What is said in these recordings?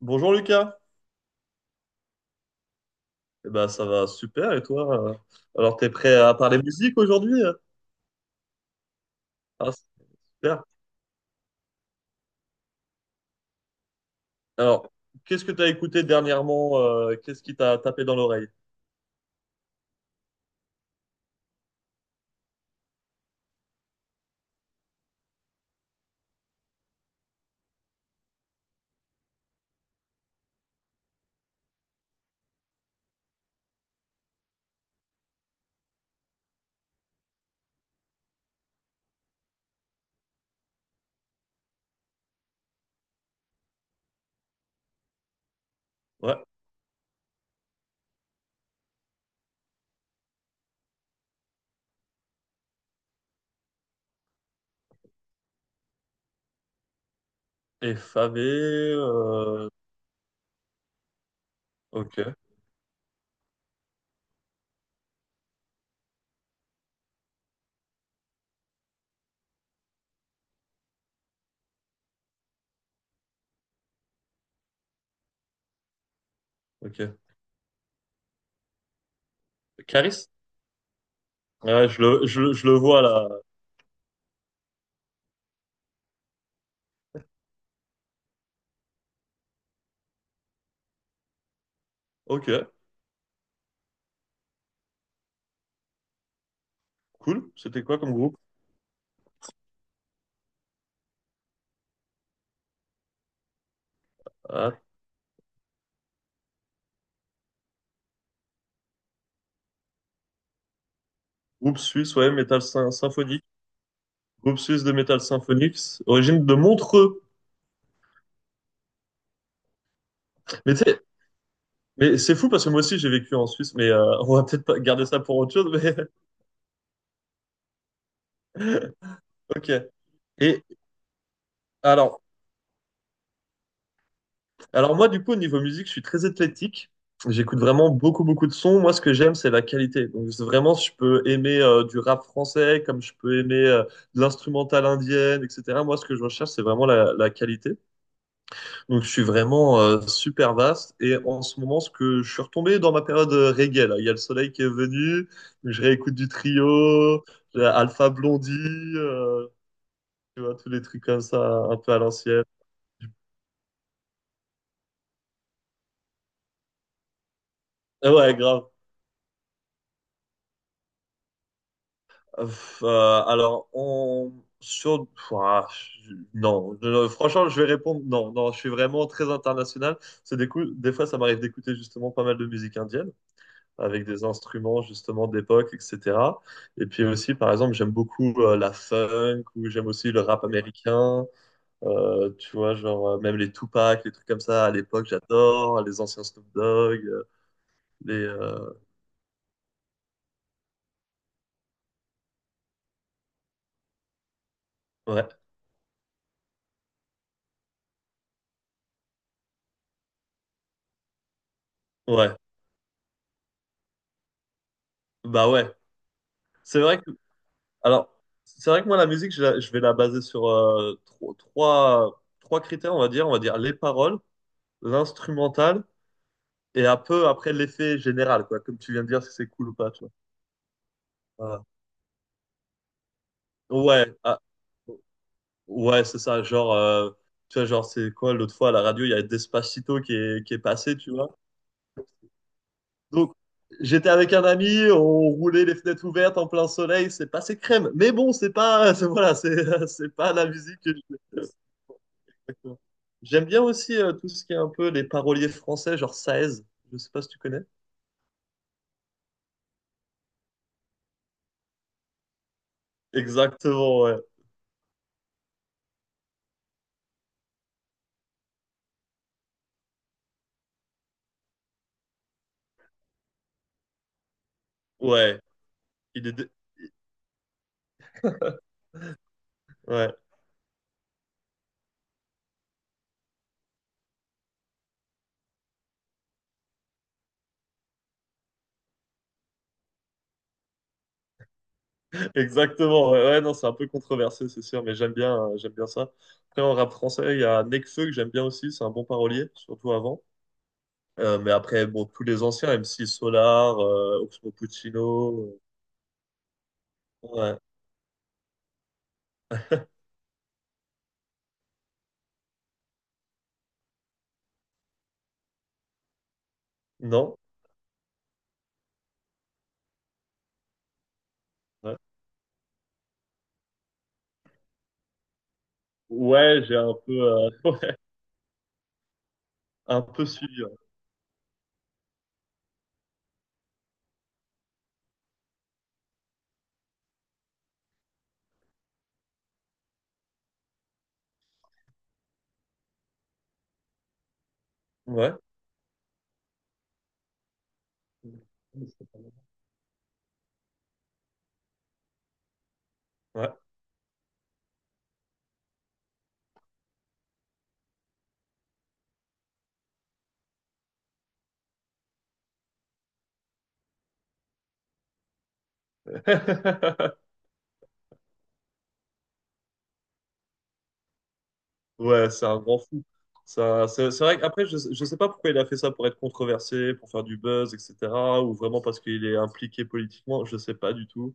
Bonjour Lucas. Eh ben, ça va super et toi? Alors t'es prêt à parler musique aujourd'hui? Ah, c'est super. Alors, qu'est-ce que t'as écouté dernièrement? Qu'est-ce qui t'a tapé dans l'oreille? Ouais. FAV. Ok. Ok. Caris? Ouais, je le vois là. Ok. Cool. C'était quoi comme groupe? Ah, groupe suisse, ouais, métal symphonique. Groupe suisse de métal symphonique, origine de Montreux. Mais tu sais, mais c'est fou parce que moi aussi j'ai vécu en Suisse, mais on va peut-être pas garder ça pour autre chose, mais. Ok. Et alors, alors moi, du coup, au niveau musique, je suis très athlétique. J'écoute vraiment beaucoup, beaucoup de sons. Moi, ce que j'aime, c'est la qualité. Donc, c'est vraiment, je peux aimer du rap français, comme je peux aimer de l'instrumental indienne, etc. Moi, ce que je recherche, c'est vraiment la qualité. Donc, je suis vraiment super vaste. Et en ce moment, ce que je suis retombé dans ma période reggae, là. Il y a le soleil qui est venu. Je réécoute du trio, Alpha Blondie, euh, tu vois, tous les trucs comme ça, un peu à l'ancienne. Ah, ouais, grave. Alors, on... Sur... Ouah, non, franchement, je vais répondre non. Non, je suis vraiment très international. C'est des coups... des fois, ça m'arrive d'écouter justement pas mal de musique indienne avec des instruments justement d'époque, etc. Et puis aussi, par exemple, j'aime beaucoup la funk ou j'aime aussi le rap américain. Tu vois, genre même les Tupac, les trucs comme ça à l'époque, j'adore. Les anciens Snoop Dogg, les... Ouais, ouais. Bah ouais. C'est vrai Alors, c'est vrai que moi, la musique, je vais la baser sur trois critères, on va dire. On va dire les paroles, l'instrumental et un peu après l'effet général, quoi. Comme tu viens de dire, si c'est cool ou pas, tu vois. Voilà. Ouais, ah, ouais, c'est ça. Genre, tu vois, genre, c'est quoi, l'autre fois à la radio, il y a Despacito qui est passé, tu vois. Donc, j'étais avec un ami, on roulait les fenêtres ouvertes en plein soleil, c'est passé crème. Mais bon, c'est pas, voilà, c'est pas la musique que je... Exactement. J'aime bien aussi tout ce qui est un peu les paroliers français, genre Saez, je sais pas si tu connais. Exactement, ouais. Ouais, il est dé- ouais, exactement. Ouais, ouais, non, c'est un peu controversé, c'est sûr, mais j'aime bien ça. Après en rap français, il y a Nekfeu que j'aime bien aussi, c'est un bon parolier, surtout avant. Mais après bon, tous les anciens M C Solar, Oxmo Puccino, ouais. Non? Ouais, ouais, j'ai un peu un peu suivi. Ouais. Ouais. Ouais. Ouais, c'est un grand fou. Ça, c'est vrai qu'après, je sais pas pourquoi il a fait ça pour être controversé, pour faire du buzz, etc. Ou vraiment parce qu'il est impliqué politiquement, je sais pas du tout.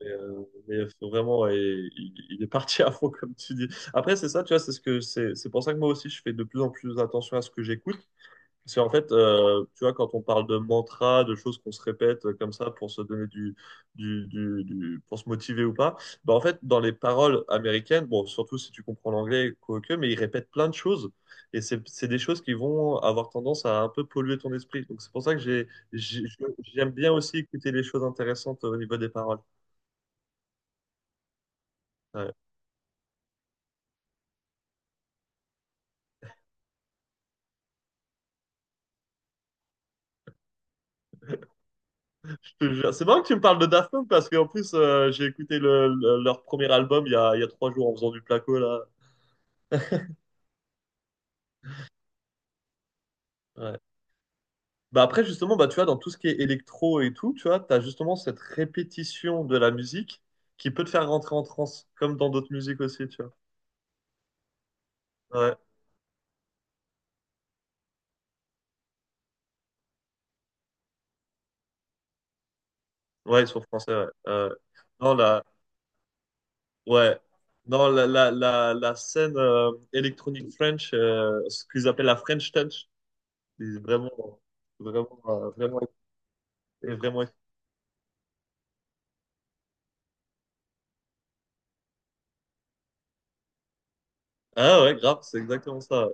Mais, euh, mais vraiment, ouais, il est parti à fond, comme tu dis. Après, c'est ça, tu vois, c'est ce que c'est pour ça que moi aussi, je fais de plus en plus attention à ce que j'écoute. C'est en fait, tu vois, quand on parle de mantra, de choses qu'on se répète comme ça pour se donner du pour se motiver ou pas, bah en fait, dans les paroles américaines, bon, surtout si tu comprends l'anglais, quoique, mais ils répètent plein de choses et c'est des choses qui vont avoir tendance à un peu polluer ton esprit. Donc c'est pour ça que j'aime bien aussi écouter les choses intéressantes au niveau des paroles. Ouais. Je te jure. C'est marrant que tu me parles de Daft Punk parce qu'en plus, j'ai écouté leur premier album il y a 3 jours en faisant du placo là. Ouais. Bah après, justement, bah, tu vois, dans tout ce qui est électro et tout, tu vois, tu as justement cette répétition de la musique qui peut te faire rentrer en transe, comme dans d'autres musiques aussi, tu vois. Ouais, ouais, ils sont français, ouais. Dans la, ouais, dans la scène électronique French, ce qu'ils appellent la French Touch, c'est vraiment, vraiment, vraiment, et vraiment. Ah, ouais, grave, c'est exactement ça.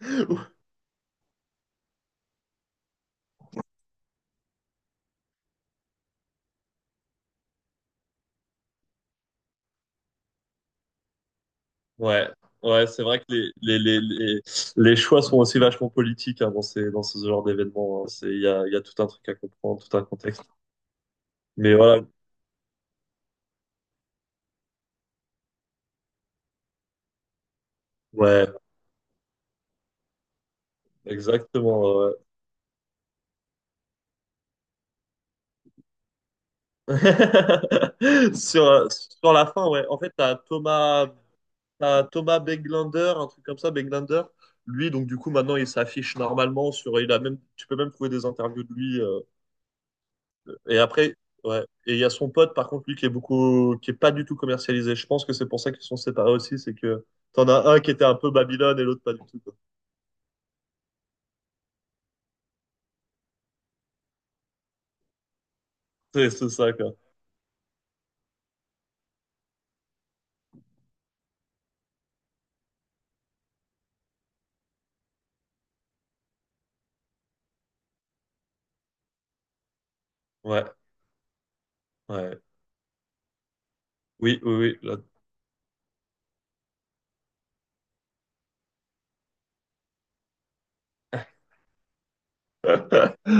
Ouais, ouais, c'est vrai que les choix sont aussi vachement politiques, hein, dans dans ce genre d'événements, hein. C'est, il y a tout un truc à comprendre, tout un contexte. Mais voilà, ouais, exactement. Ouais. Sur, euh, sur la fin, ouais. En fait, t'as Thomas, Beglander, un truc comme ça, Beglander. Lui, donc du coup, maintenant, il s'affiche normalement sur. Il a même, tu peux même trouver des interviews de lui. Et après, ouais. Et il y a son pote, par contre, lui, qui est pas du tout commercialisé. Je pense que c'est pour ça qu'ils sont séparés aussi, c'est que t'en as un qui était un peu Babylone et l'autre pas du tout, quoi. C'est ça, quoi. Ouais, ouais. Oui, oui, oui. La...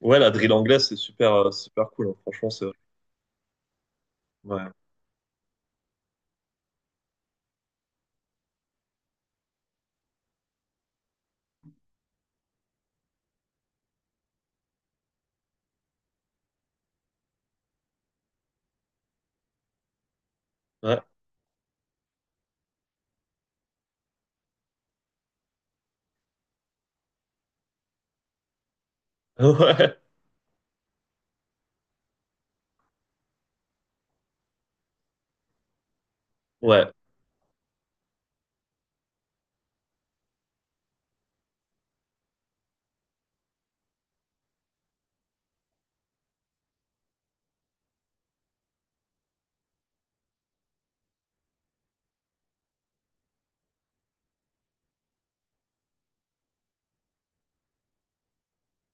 Ouais, la drill anglaise, c'est super cool, hein. Franchement, ouais, ouais, ouais, ouais.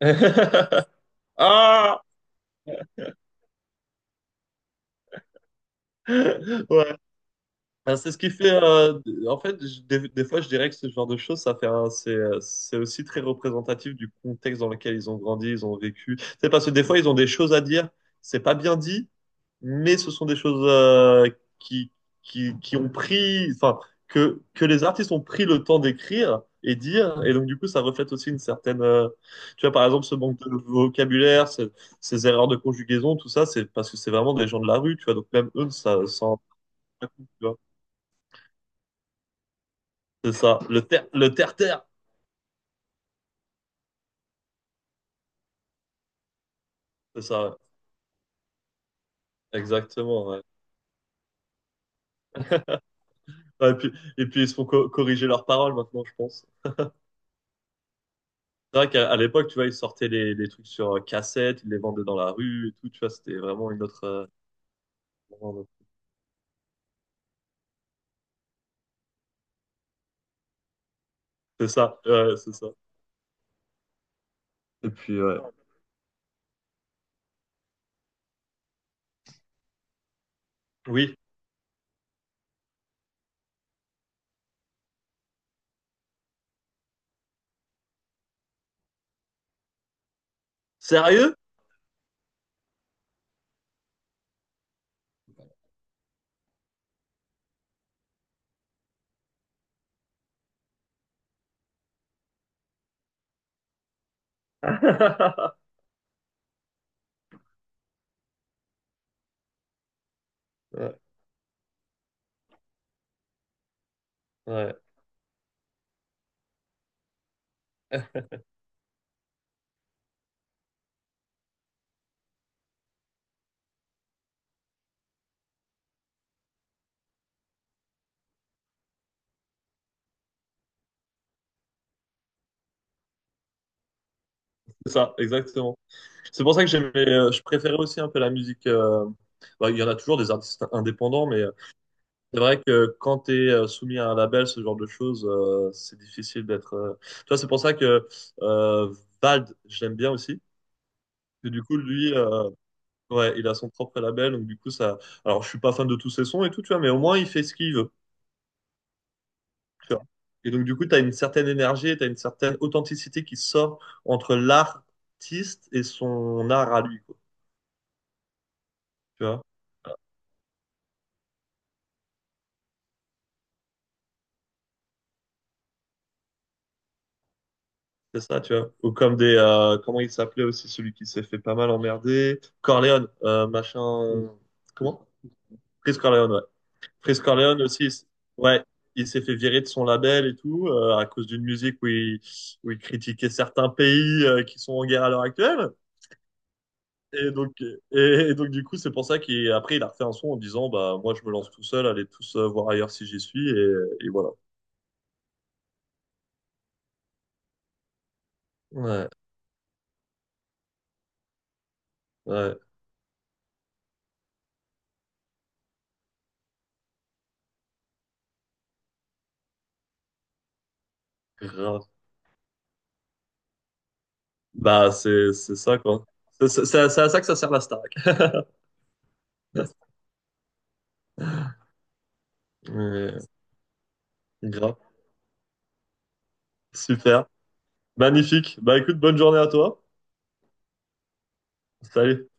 Ah! Ouais. Ben, c'est ce qui fait. En fait, des fois, je dirais que ce genre de choses, c'est aussi très représentatif du contexte dans lequel ils ont grandi, ils ont vécu. C'est parce que des fois, ils ont des choses à dire. C'est pas bien dit, mais ce sont des choses qui, qui ont pris, enfin, que les artistes ont pris le temps d'écrire et dire. Et donc, du coup, ça reflète aussi une certaine. Tu vois, par exemple, ce manque de vocabulaire, ces erreurs de conjugaison, tout ça, c'est parce que c'est vraiment des gens de la rue, tu vois. Donc, même eux, ça tu vois. C'est ça, le le terre-terre. C'est ça, ouais. Exactement, ouais. Ouais, et puis ils se font corriger leurs paroles maintenant, je pense. C'est vrai qu'à à l'époque, tu vois, ils sortaient les trucs sur cassette, ils les vendaient dans la rue et tout, tu vois, c'était vraiment une autre... vraiment une autre- C'est ça, ouais, c'est ça. Et puis, ouais. Oui. Sérieux? Ouais, ouais. C'est ça, exactement. C'est pour ça que je préférais aussi un peu la musique. Bah, il y en a toujours des artistes indépendants, mais c'est vrai que quand tu es soumis à un label, ce genre de choses, c'est difficile d'être. Tu vois, c'est pour ça que euh, Vald, je l'aime bien aussi. Que du coup, lui, ouais, il a son propre label. Donc, du coup, ça. Alors, je suis pas fan de tous ses sons et tout, tu vois, mais au moins, il fait ce qu'il veut. Tu vois. Et donc, du coup, tu as une certaine énergie, tu as une certaine authenticité qui sort entre l'artiste et son art à lui, quoi. Tu vois, c'est ça, tu vois. Ou comme des. Comment il s'appelait aussi, celui qui s'est fait pas mal emmerder? Corleone, machin. Comment? Chris Corleone, ouais. Chris Corleone aussi, ouais, il s'est fait virer de son label et tout, à cause d'une musique où il critiquait certains pays qui sont en guerre à l'heure actuelle. Et donc, et, et donc du coup, c'est pour ça qu'il, après, il a refait un son en disant, bah, moi, je me lance tout seul, allez tous voir ailleurs si j'y suis, et voilà. Ouais, ouais, grave. Bah, c'est ça, quoi. C'est à ça que ça sert la Starac. Ouais, grave. Super. Magnifique. Bah, écoute, bonne journée à toi. Salut.